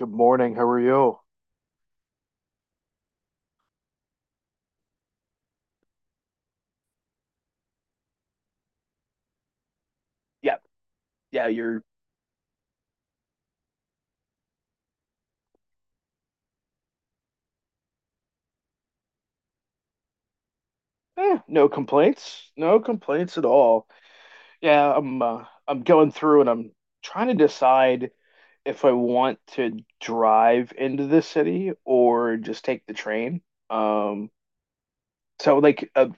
Good morning. How are you? Yeah, yeah. you're no complaints. No complaints at all. Yeah, I'm going through and I'm trying to decide if I want to drive into the city or just take the train. Um, so like uh,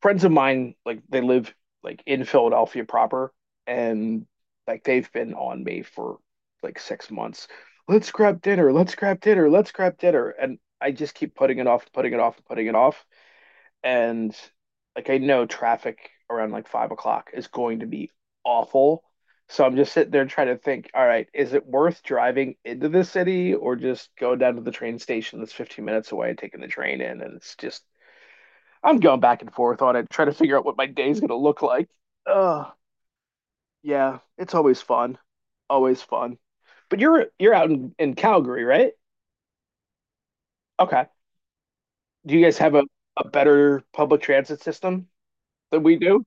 Friends of mine, like they live like in Philadelphia proper, and like they've been on me for like 6 months. Let's grab dinner. Let's grab dinner. Let's grab dinner. And I just keep putting it off, putting it off, putting it off. And like I know traffic around like 5 o'clock is going to be awful. So I'm just sitting there trying to think, all right, is it worth driving into the city or just go down to the train station that's 15 minutes away and taking the train in? And it's just, I'm going back and forth on it, trying to figure out what my day's going to look like. Oh, yeah, it's always fun. Always fun. But you're out in Calgary, right? Okay. Do you guys have a better public transit system than we do?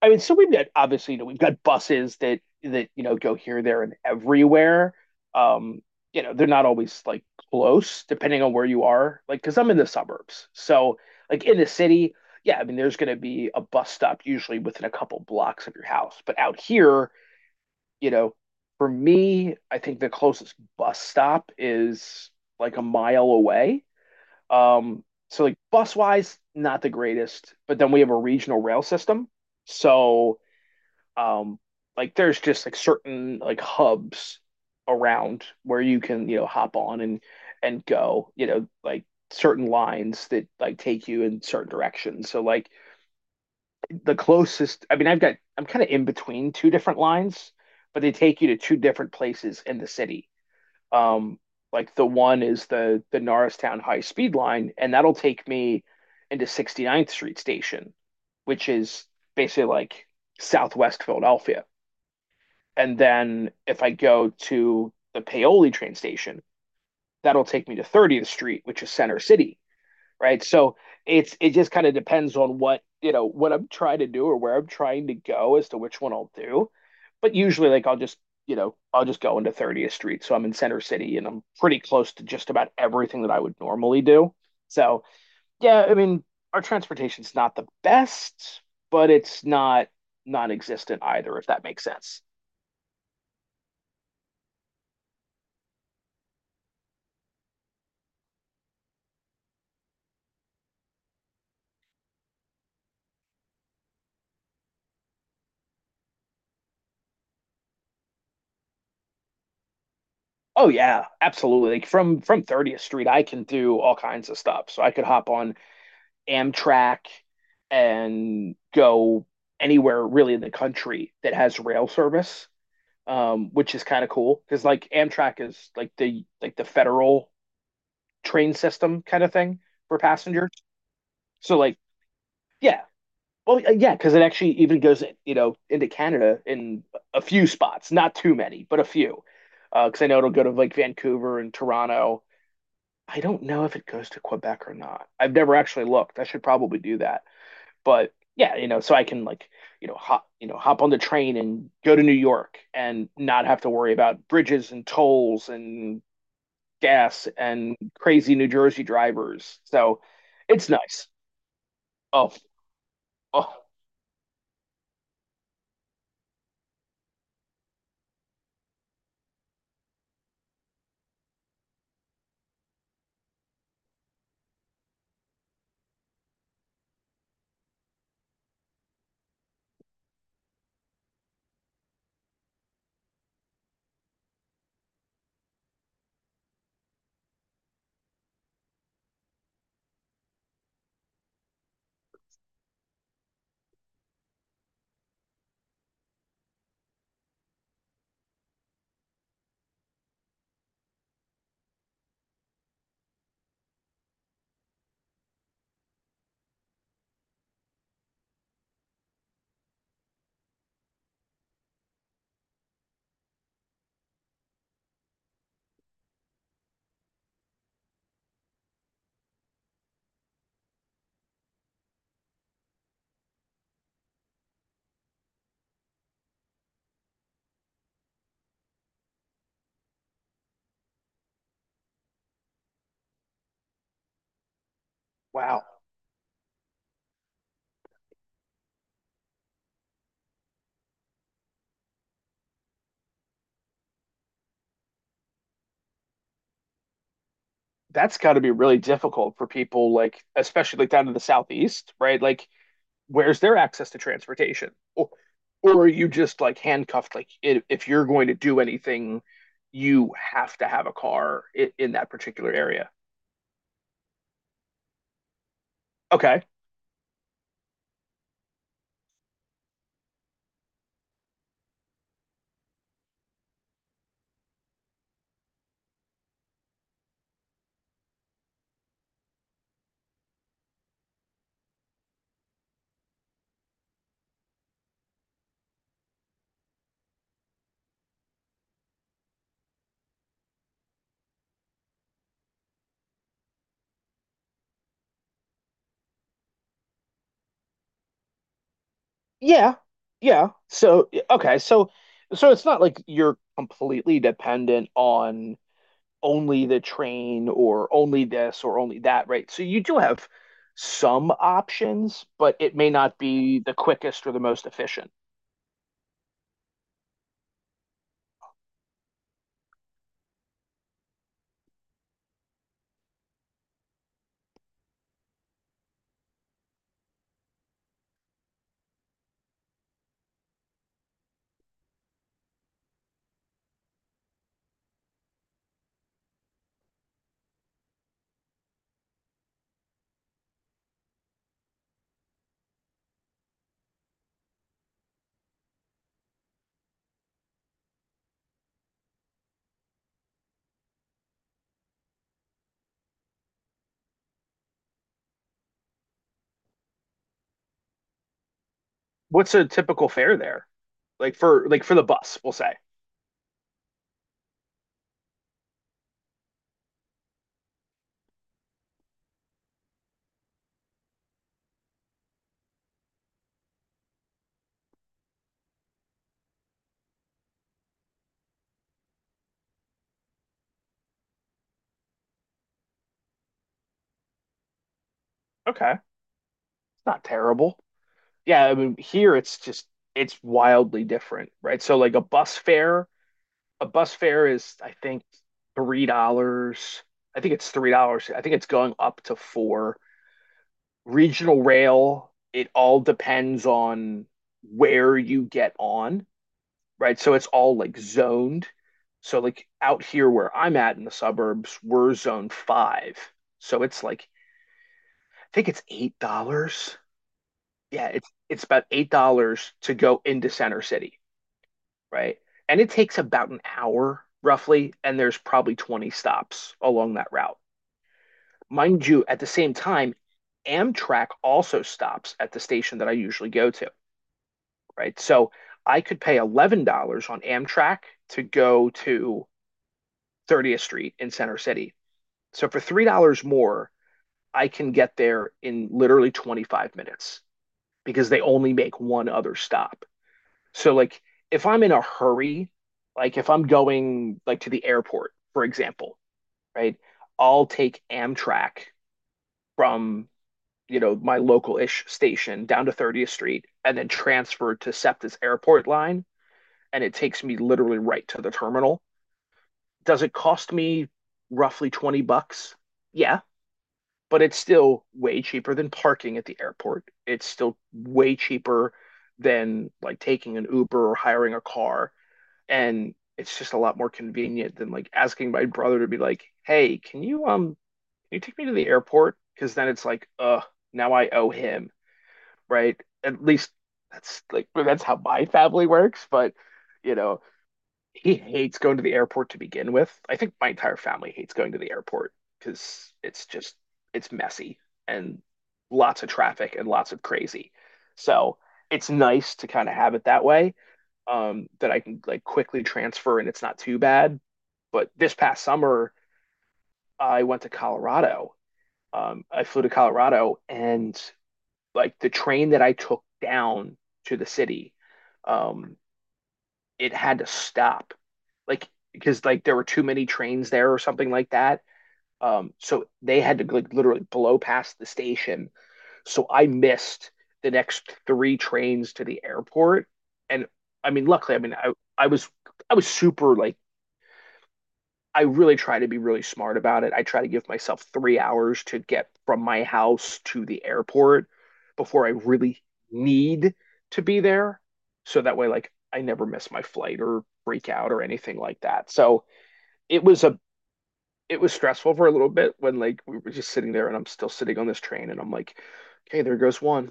I mean, so we've got obviously, you know, we've got buses that you know go here, there, and everywhere. Um, you know, they're not always like close, depending on where you are. Like, because I'm in the suburbs, so like in the city, yeah, I mean, there's going to be a bus stop usually within a couple blocks of your house. But out here, you know, for me, I think the closest bus stop is like a mile away. Um, so like bus wise, not the greatest. But then we have a regional rail system, so um like there's just like certain like hubs around where you can you know hop on and go you know like certain lines that like take you in certain directions. So like the closest, I mean, I've got, I'm kind of in between two different lines, but they take you to two different places in the city. Um, like the one is the Norristown high speed line, and that'll take me into 69th Street Station, which is basically like Southwest Philadelphia. And then if I go to the Paoli train station, that'll take me to 30th Street, which is Center City, right? So it just kind of depends on what, you know, what I'm trying to do or where I'm trying to go as to which one I'll do. But usually like I'll just, you know, I'll just go into 30th Street. So I'm in Center City and I'm pretty close to just about everything that I would normally do. So, yeah, I mean, our transportation's not the best, but it's not non-existent either, if that makes sense. Oh yeah, absolutely. Like from 30th Street, I can do all kinds of stuff. So I could hop on Amtrak and go anywhere really in the country that has rail service, which is kind of cool because like Amtrak is like the federal train system kind of thing for passengers. So like yeah, yeah, because it actually even goes you know into Canada in a few spots, not too many, but a few. Because I know it'll go to like Vancouver and Toronto. I don't know if it goes to Quebec or not. I've never actually looked. I should probably do that. But yeah, you know, so I can like, you know, hop on the train and go to New York and not have to worry about bridges and tolls and gas and crazy New Jersey drivers. So it's nice. Oh, oh, wow. That's got to be really difficult for people like especially like down to the southeast, right? Like where's their access to transportation? Or are you just like handcuffed? Like if you're going to do anything, you have to have a car in that particular area. Okay. Yeah. Yeah. So, okay. So, so it's not like you're completely dependent on only the train or only this or only that, right? So you do have some options, but it may not be the quickest or the most efficient. What's a typical fare there? Like for the bus, we'll say. Okay. It's not terrible. Yeah, I mean here it's just it's wildly different, right? So like a bus fare is I think $3. I think it's $3. I think it's going up to four. Regional rail, it all depends on where you get on, right? So it's all like zoned. So like out here where I'm at in the suburbs, we're zone five. So it's like I think it's $8, yeah, it's about $8 to go into Center City, right? And it takes about an hour roughly, and there's probably 20 stops along that route. Mind you, at the same time, Amtrak also stops at the station that I usually go to, right? So I could pay $11 on Amtrak to go to 30th Street in Center City. So for $3 more, I can get there in literally 25 minutes because they only make one other stop. So like if I'm in a hurry, like if I'm going like to the airport, for example, right? I'll take Amtrak from, you know, my local-ish station down to 30th Street and then transfer to SEPTA's airport line and it takes me literally right to the terminal. Does it cost me roughly 20 bucks? Yeah, but it's still way cheaper than parking at the airport. It's still way cheaper than like taking an Uber or hiring a car, and it's just a lot more convenient than like asking my brother to be like, "Hey, can you take me to the airport?" Because then it's like, now I owe him," right? At least that's how my family works, but you know, he hates going to the airport to begin with. I think my entire family hates going to the airport because it's just it's messy and lots of traffic and lots of crazy. So, it's nice to kind of have it that way that I can like quickly transfer and it's not too bad. But this past summer, I went to Colorado. I flew to Colorado and like the train that I took down to the city, um, it had to stop like because like there were too many trains there or something like that. So they had to like literally blow past the station. So I missed the next three trains to the airport. And I mean, luckily, I was I was super like I really try to be really smart about it. I try to give myself 3 hours to get from my house to the airport before I really need to be there. So that way, like, I never miss my flight or freak out or anything like that. So it was a it was stressful for a little bit when like we were just sitting there and I'm still sitting on this train and I'm like, okay, there goes one.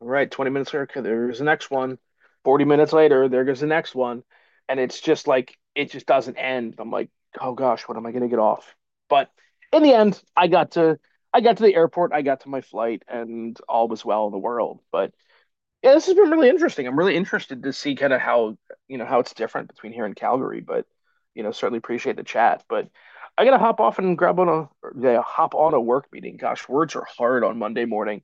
All right, 20 minutes later, okay, there's the next one. 40 minutes later, there goes the next one. And it's just like, it just doesn't end. I'm like, oh gosh, what am I going to get off? But in the end, I got to the airport, I got to my flight, and all was well in the world. But yeah, this has been really interesting. I'm really interested to see kind of how, you know, how it's different between here and Calgary. But, you know, certainly appreciate the chat. But I gotta hop off and grab on a, yeah, hop on a work meeting. Gosh, words are hard on Monday morning,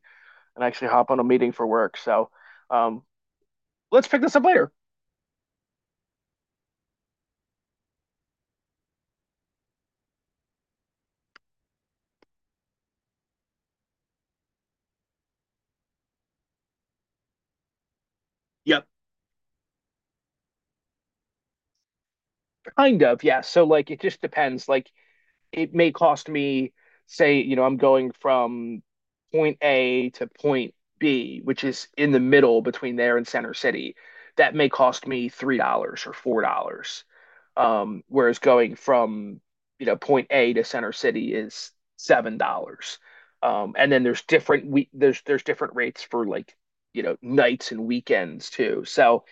and actually hop on a meeting for work. So um, let's pick this up later. Yep. Kind of, yeah. So like it just depends. Like it may cost me, say, you know, I'm going from point A to point B, which is in the middle between there and Center City. That may cost me $3 or $4. Whereas going from you know point A to Center City is $7. And then there's different rates for like you know nights and weekends too. So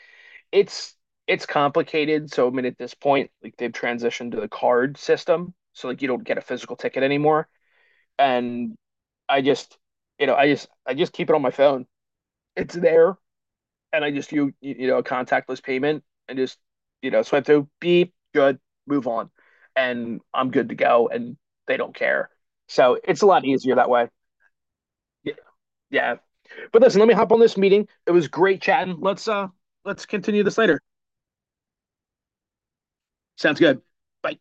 it's it's complicated. So I mean at this point, like they've transitioned to the card system, so like you don't get a physical ticket anymore. And I just you know I just keep it on my phone. It's there and I just you know a contactless payment and just you know swipe through, beep, good, move on, and I'm good to go, and they don't care, so it's a lot easier that way. Yeah, yeah, but listen, let me hop on this meeting. It was great chatting. Let's continue this later. Sounds good. Bye.